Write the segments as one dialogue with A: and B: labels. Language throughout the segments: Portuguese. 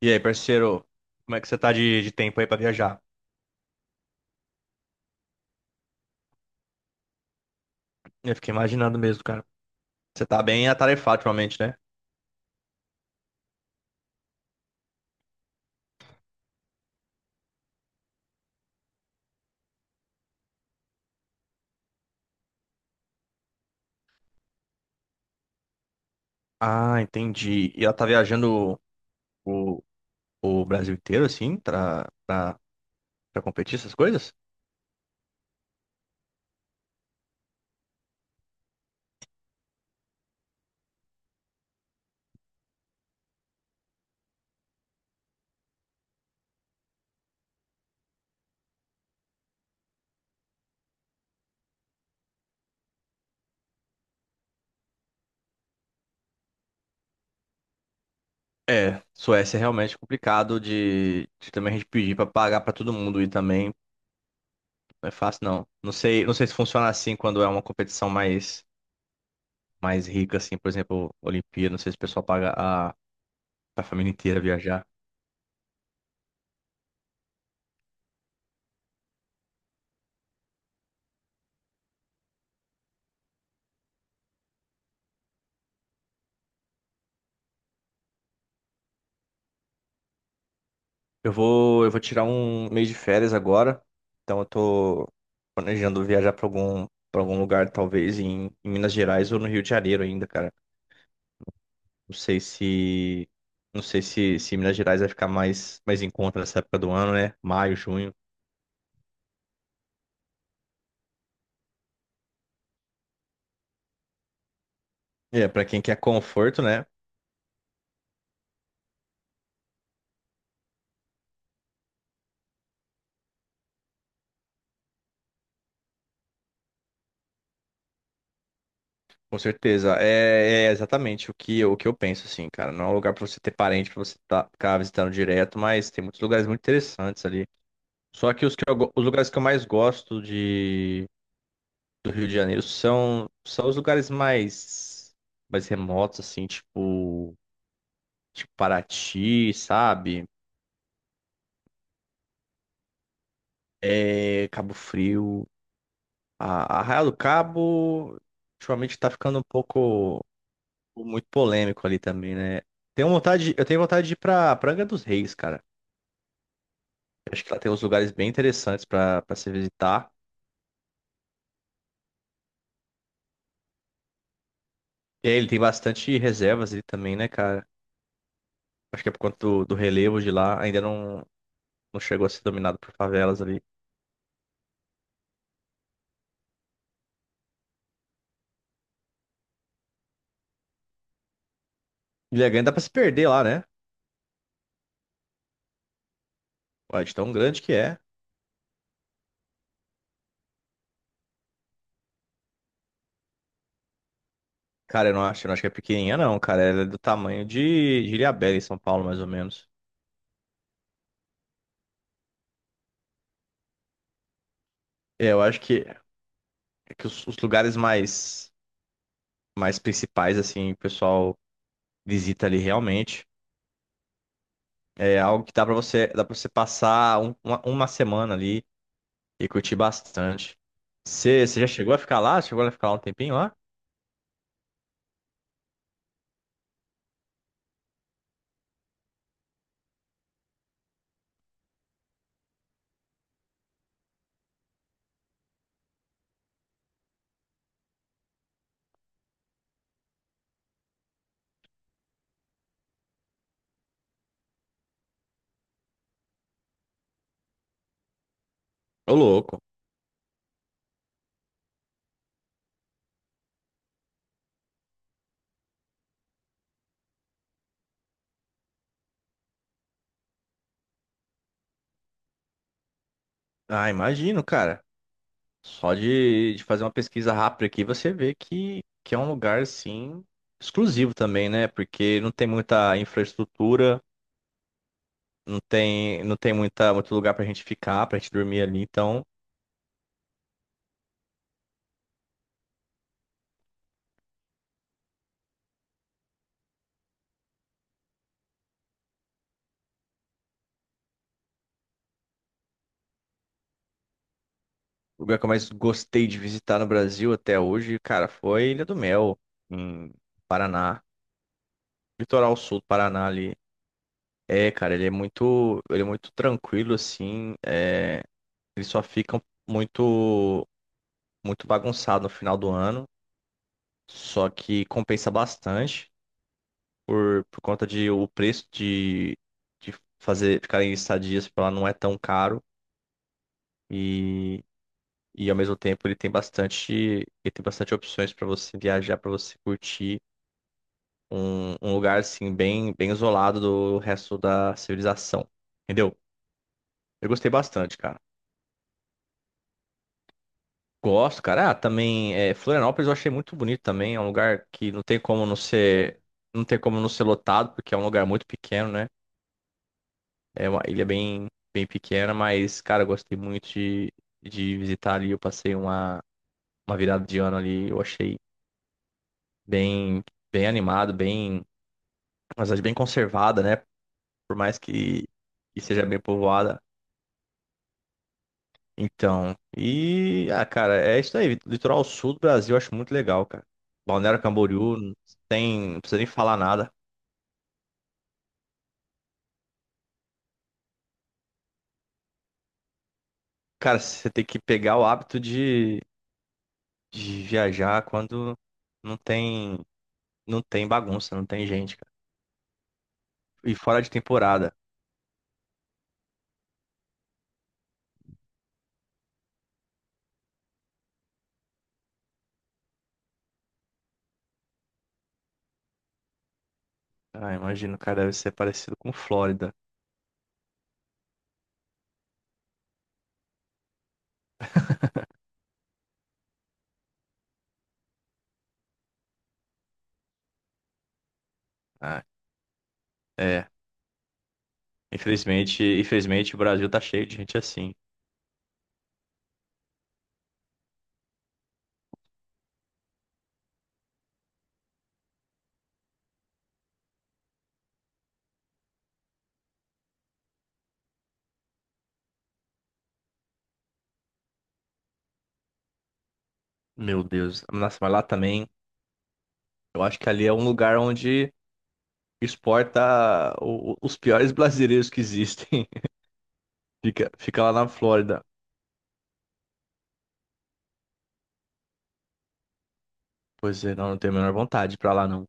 A: E aí, parceiro, como é que você tá de tempo aí pra viajar? Eu fiquei imaginando mesmo, cara. Você tá bem atarefado ultimamente, né? Ah, entendi. E ela tá viajando o, o Brasil inteiro, assim, pra competir essas coisas? É, Suécia é realmente complicado de também a gente pedir pra pagar pra todo mundo e também não é fácil, não. Não sei se funciona assim quando é uma competição mais, mais rica, assim, por exemplo, Olimpíada, não sei se o pessoal paga a família inteira viajar. Eu vou tirar um mês de férias agora, então eu tô planejando viajar pra para algum lugar, talvez em, em Minas Gerais ou no Rio de Janeiro ainda, cara. Não sei se, não sei se, se Minas Gerais vai ficar mais, mais em conta nessa época do ano, né? Maio, junho. É, pra quem quer conforto, né? Com certeza. É, é exatamente o que eu penso, assim, cara. Não é um lugar pra você ter parente, pra você tá, ficar visitando direto, mas tem muitos lugares muito interessantes ali. Só que os lugares que eu mais gosto do Rio de Janeiro são, são os lugares mais, mais remotos, assim, tipo Paraty, sabe? É, Cabo Frio. A Arraial do Cabo, ultimamente tá ficando um pouco, muito polêmico ali também, né? Eu tenho vontade de ir pra Angra dos Reis, cara. Eu acho que lá tem uns lugares bem interessantes pra se visitar. E aí, ele tem bastante reservas ali também, né, cara? Acho que é por conta do relevo de lá, ainda não, não chegou a ser dominado por favelas ali. Ilha Grande dá pra se perder lá, né? Ué, de tão grande que é. Cara, eu não acho que é pequenininha, não, cara. Ela é do tamanho de Ilhabela, em São Paulo, mais ou menos. É, eu acho que, é que os lugares mais, mais principais, assim, o pessoal visita ali realmente. É algo que dá pra você passar uma semana ali e curtir bastante. Você já chegou a ficar lá? Chegou a ficar lá um tempinho lá? Ô, louco. Ah, imagino, cara. Só de fazer uma pesquisa rápida aqui, você vê que é um lugar, assim, exclusivo também, né? Porque não tem muita infraestrutura, não tem muita, muito lugar pra gente ficar, pra gente dormir ali. Então, o lugar que eu mais gostei de visitar no Brasil até hoje, cara, foi Ilha do Mel, em Paraná. Litoral sul do Paraná ali. É, cara, ele é muito tranquilo, assim. É, ele só fica muito, muito bagunçado no final do ano. Só que compensa bastante por conta de o preço de fazer ficar em estadias para lá não é tão caro e, e ao mesmo tempo ele tem bastante opções para você viajar, para você curtir um lugar assim bem isolado do resto da civilização. Entendeu? Eu gostei bastante, cara. Gosto, cara. Ah, também é, Florianópolis eu achei muito bonito também. É um lugar que não tem como não ser lotado porque é um lugar muito pequeno, né? É uma ilha bem pequena, mas, cara, eu gostei muito de visitar ali. Eu passei uma virada de ano ali. Eu achei bem, bem animado, bem, mas bem conservada, né? Por mais que, que seja bem povoada. Então, cara, é isso aí. Litoral sul do Brasil eu acho muito legal, cara. Balneário Camboriú, não precisa nem falar nada. Cara, você tem que pegar o hábito de viajar quando não tem, não tem bagunça, não tem gente, cara. E fora de temporada. Ah, imagino, cara, deve ser parecido com Flórida. Ah, é. Infelizmente, infelizmente o Brasil tá cheio de gente assim. Meu Deus. Nossa, mas lá também, eu acho que ali é um lugar onde exporta os piores brasileiros que existem. Fica lá na Flórida. Pois é, não tenho a menor vontade de pra lá, não.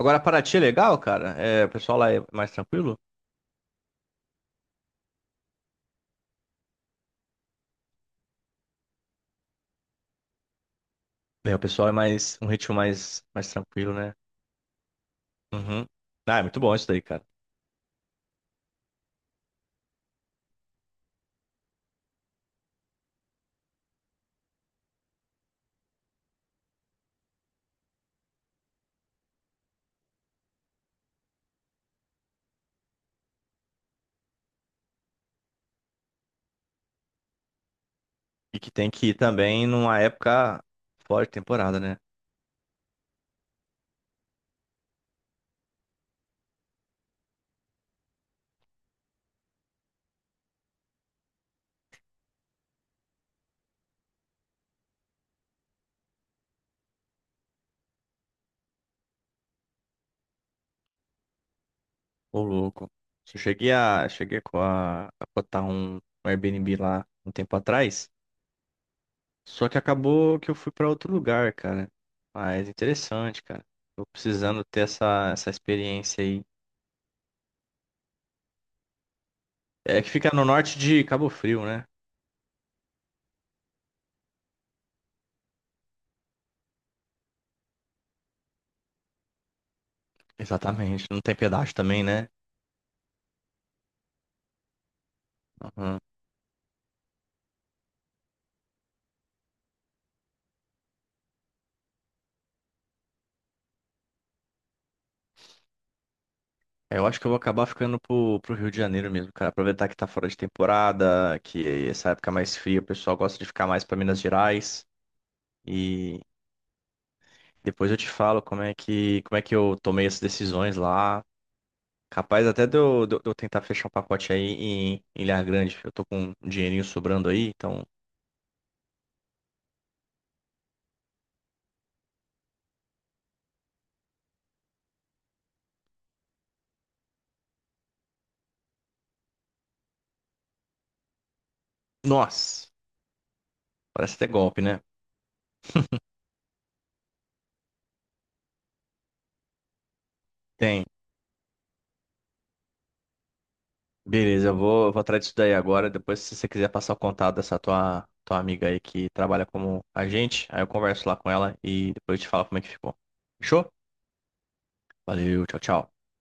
A: Agora, Paraty é legal, cara? É, o pessoal lá é mais tranquilo? É, o pessoal é mais, um ritmo mais, mais tranquilo, né? Uhum. Ah, é muito bom isso daí, cara. E que tem que ir também numa época fora de temporada, né? Ô, louco. Eu cheguei a, cheguei com a botar um Airbnb lá um tempo atrás. Só que acabou que eu fui pra outro lugar, cara. Mas interessante, cara. Tô precisando ter essa experiência aí. É que fica no norte de Cabo Frio, né? Exatamente. Não tem pedágio também, né? Aham. É, eu acho que eu vou acabar ficando pro Rio de Janeiro mesmo, cara. Aproveitar que tá fora de temporada, que essa época é mais fria, o pessoal gosta de ficar mais pra Minas Gerais. E depois eu te falo como é que eu tomei essas decisões lá. Capaz até de eu tentar fechar um pacote aí em, em Ilha Grande. Eu tô com um dinheirinho sobrando aí, então. Nossa, parece até golpe, né? Tem. Beleza, eu vou atrás disso daí agora. Depois, se você quiser passar o contato dessa tua amiga aí que trabalha como agente, aí eu converso lá com ela e depois eu te falo como é que ficou. Fechou? Valeu, tchau, tchau.